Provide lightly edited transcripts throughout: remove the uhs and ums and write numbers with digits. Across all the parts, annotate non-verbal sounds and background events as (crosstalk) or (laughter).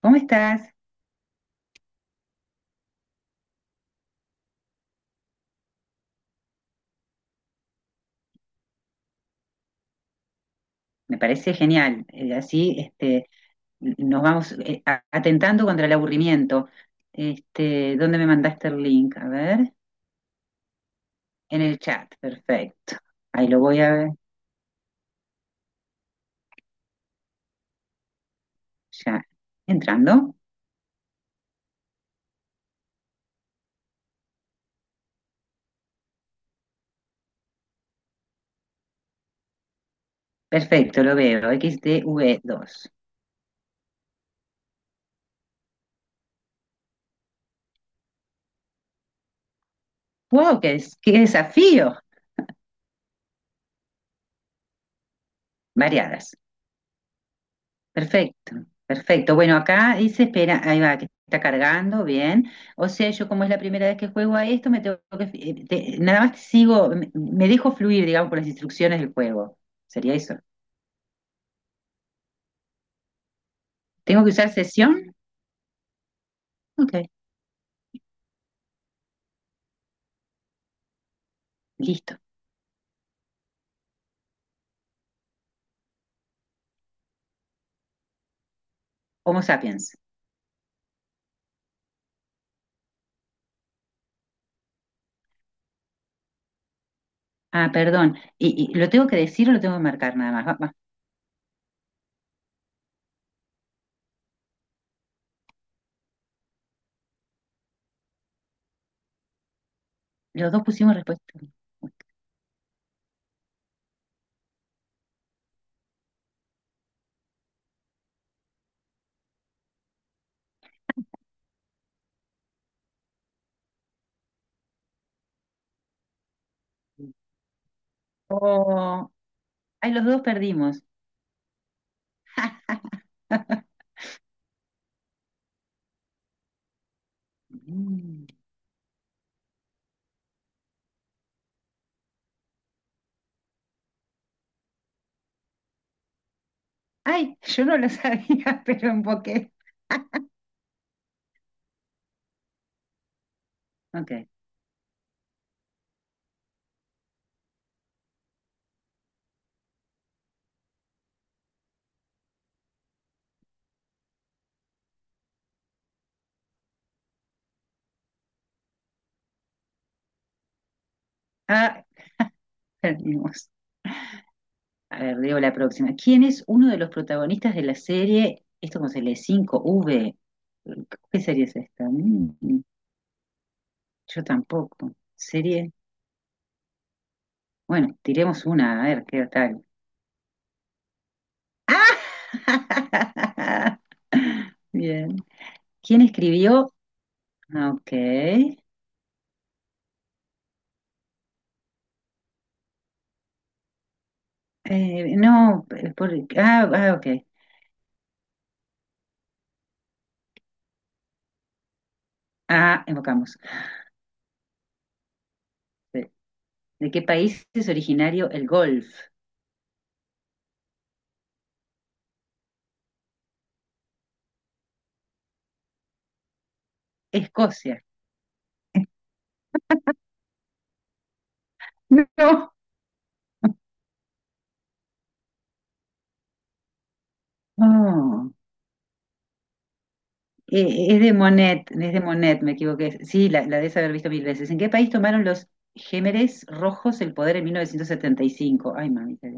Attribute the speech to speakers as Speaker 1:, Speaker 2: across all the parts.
Speaker 1: ¿Cómo estás? Me parece genial. Nos vamos atentando contra el aburrimiento. ¿Dónde me mandaste el link? A ver, en el chat. Perfecto. Ahí lo voy a ver. Ya. Entrando. Perfecto, lo veo. X XTV2. ¡Wow! ¡Qué desafío! Variadas. Perfecto, perfecto. Bueno, acá dice, espera, ahí va, que está cargando, bien. O sea, yo como es la primera vez que juego a esto, me tengo que, nada más sigo, me dejo fluir, digamos, por las instrucciones del juego. Sería eso. ¿Tengo que usar sesión? Ok, listo. Homo sapiens. Ah, perdón. ¿Y lo tengo que decir o lo tengo que marcar nada más? Va. Los dos pusimos respuesta. Ok. Oh, ay, los dos perdimos. (laughs) Mm. Ay, yo no lo sabía, (laughs) pero emboqué. Ok. Ah, perdimos. A ver, leo la próxima. ¿Quién es uno de los protagonistas de la serie? Esto como se lee cinco v. ¿Qué serie es esta? Mm, yo tampoco. ¿Serie? Bueno, tiremos una, a ver qué tal. ¡Ah! (laughs) Bien. ¿Quién escribió? Ah, ok. No, por- ah, ah, ok. Ah, evocamos. ¿De de qué país es originario el golf? Escocia. (laughs) No. Oh. Es de Monet, me equivoqué. Sí, la debes haber visto mil veces. ¿En qué país tomaron los Gémeres Rojos el poder en 1975? Ay, mami, eh.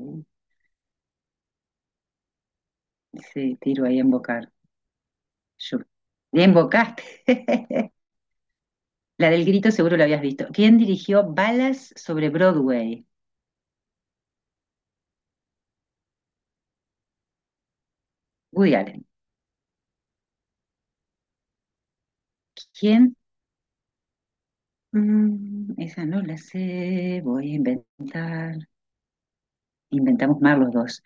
Speaker 1: Sí, tiro ahí a embocar. Yo. Ya embocaste. (laughs) La del grito seguro la habías visto. ¿Quién dirigió Balas sobre Broadway? Woody Allen. ¿Quién? Mm, esa no la sé, voy a inventar. Inventamos más los dos.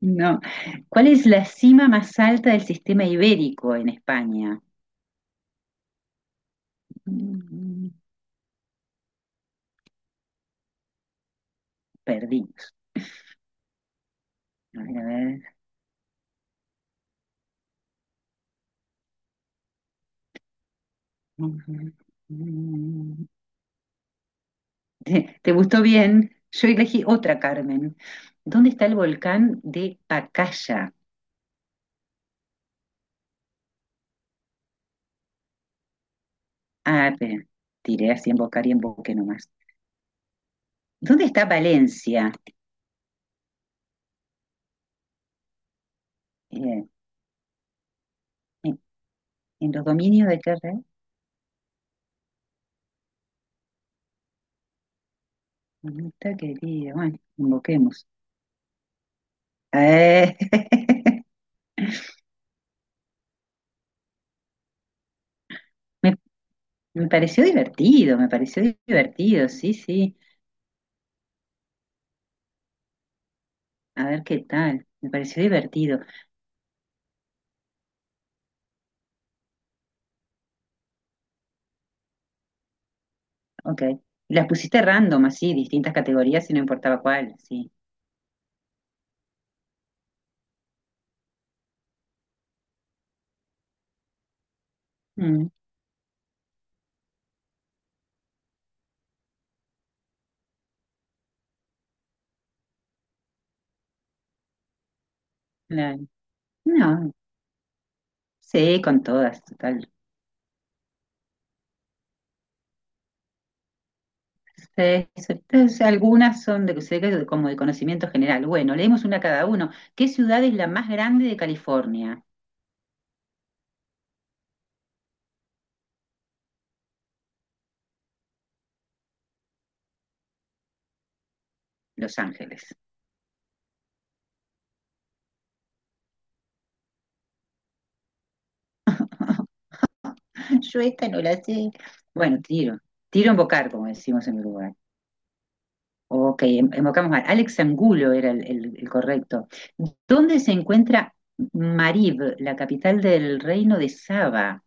Speaker 1: No. ¿Cuál es la cima más alta del sistema ibérico en España? Mm, perdidos. A ver, a ver. ¿Te, te gustó bien? Yo elegí otra, Carmen. ¿Dónde está el volcán de Pacaya? Ah, pe- tiré así en Bocar y en Boque nomás. ¿Dónde está Valencia? Eh, en, en los dominios de qué red? ¿Dónde está, querida? Bueno, invoquemos. Eh, (laughs) me, me pareció divertido, sí, sí. A ver qué tal. Me pareció divertido. Ok. Las pusiste random, así, distintas categorías y no importaba cuál, sí. Mm, claro. No, sí, con todas, total. Sí, sí, entonces, algunas son de, sé que como de conocimiento general. Bueno, leemos una cada uno. ¿Qué ciudad es la más grande de California? Los Ángeles. (laughs) Yo esta no la sé. Bueno, tiro. Tiro a embocar, como decimos en Uruguay. Ok, embocamos mal. Alex Angulo era el correcto. ¿Dónde se encuentra Marib, la capital del reino de Saba?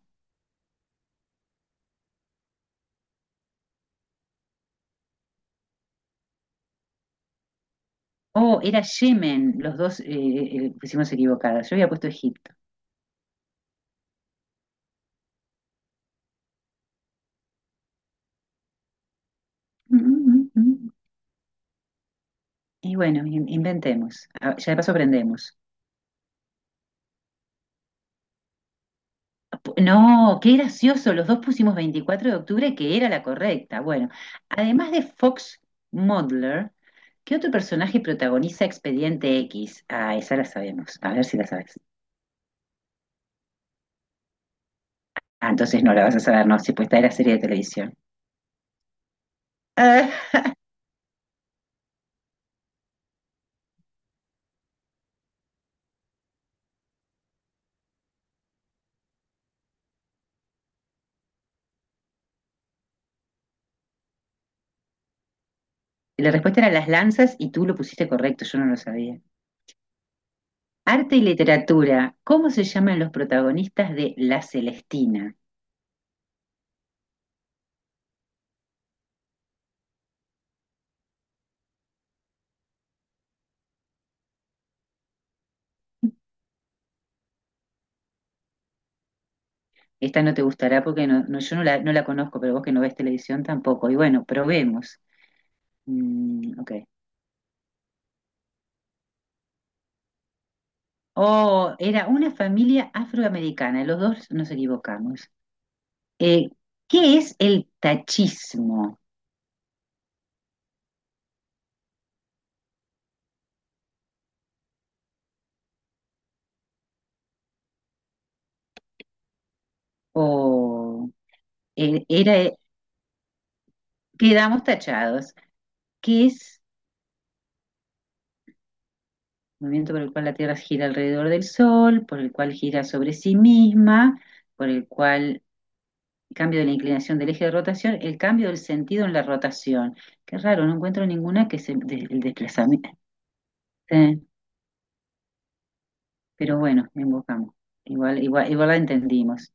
Speaker 1: Oh, era Yemen, los dos pusimos equivocadas. Yo había puesto Egipto. Mm, mm, mm. Y bueno, inventemos. Ah, ya de paso aprendemos. No, qué gracioso, los dos pusimos 24 de octubre, que era la correcta. Bueno, además de Fox Mulder, ¿qué otro personaje protagoniza Expediente X? Ah, esa la sabemos. A ver si la sabes. Ah, entonces no la vas a saber, no, si pues esta era serie de televisión. Ah, la respuesta era Las Lanzas y tú lo pusiste correcto, yo no lo sabía. Arte y literatura. ¿Cómo se llaman los protagonistas de La Celestina? Esta no te gustará porque yo no la, no la conozco, pero vos que no ves televisión tampoco. Y bueno, probemos. Mm, ok. Oh, era una familia afroamericana. Los dos nos equivocamos. Eh, ¿Qué es el tachismo? O era, quedamos tachados. ¿Qué es el movimiento por el cual la Tierra gira alrededor del Sol, por el cual gira sobre sí misma? Por el cual cambio de la inclinación del eje de rotación, el cambio del sentido en la rotación. Qué raro, no encuentro ninguna que es el, el desplazamiento. Eh, pero bueno, invocamos. Igual, igual, igual la entendimos.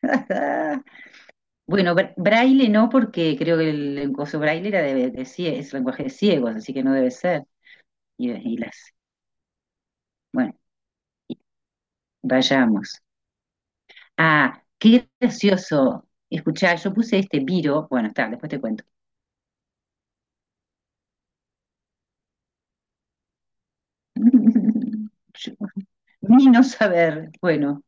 Speaker 1: (laughs) Bueno, braille no, porque creo que el braille era de, es lenguaje de ciegos, así que no debe ser. Y las, bueno, y vayamos. Ah, qué gracioso. Escuchá, yo puse este viro. Bueno, está, después te cuento. (laughs) Yo- ni no saber. Bueno.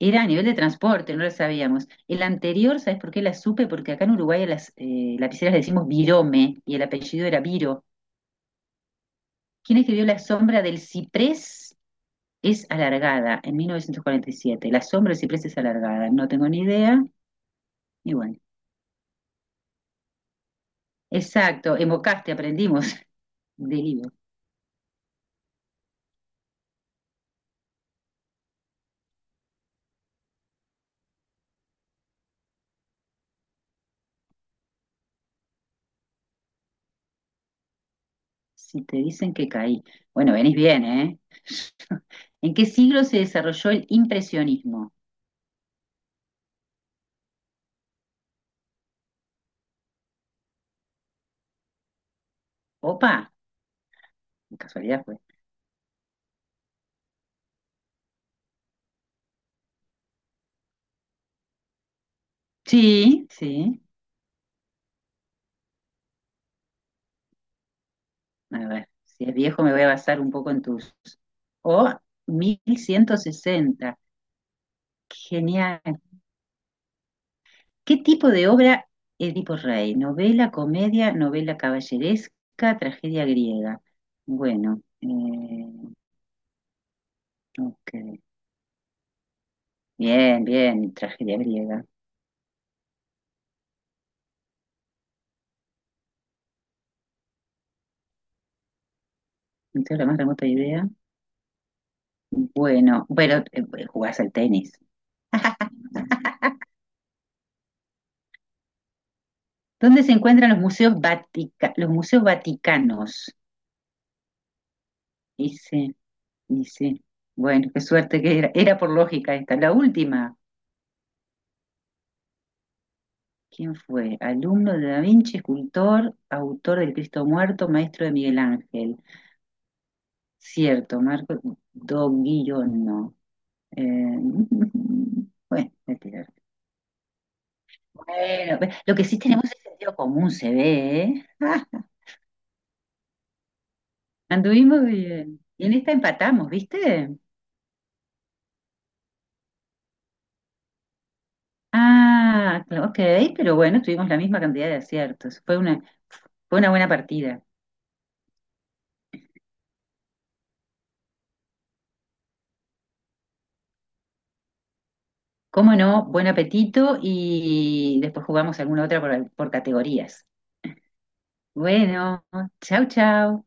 Speaker 1: Era a nivel de transporte, no lo sabíamos. El anterior, ¿sabes por qué la supe? Porque acá en Uruguay a las lapiceras le decimos Virome y el apellido era Viro. ¿Quién escribió La sombra del ciprés es alargada en 1947? La sombra del ciprés es alargada, no tengo ni idea. Y bueno, exacto, evocaste, aprendimos (laughs) del libro. Si te dicen que caí. Bueno, venís bien, ¿eh? (laughs) ¿En qué siglo se desarrolló el impresionismo? Opa, qué casualidad fue. Sí, sí. A ver, si es viejo me voy a basar un poco en tus. O 1160. Genial. ¿Qué tipo de obra Edipo Rey? ¿Novela, comedia, novela caballeresca, tragedia griega? Bueno, ok. Bien, bien, tragedia griega. No tengo la más remota idea. Bueno, bueno, jugás al tenis. ¿Dónde se encuentran los los museos vaticanos? Dice, y sí, bueno, qué suerte que era. Era por lógica esta. La última, ¿quién fue? Alumno de Da Vinci, escultor, autor del Cristo Muerto, maestro de Miguel Ángel. Cierto, Marco Doguillono. Eh, (laughs) bueno, voy a tirar. Bueno, lo que sí tenemos es sentido común, se ve, ¿eh? (laughs) Anduvimos bien. Y en esta empatamos, ¿viste? Ah, ok, pero bueno, tuvimos la misma cantidad de aciertos. Fue una buena partida. Cómo no, buen apetito y después jugamos alguna otra por categorías. Bueno, chau, chau.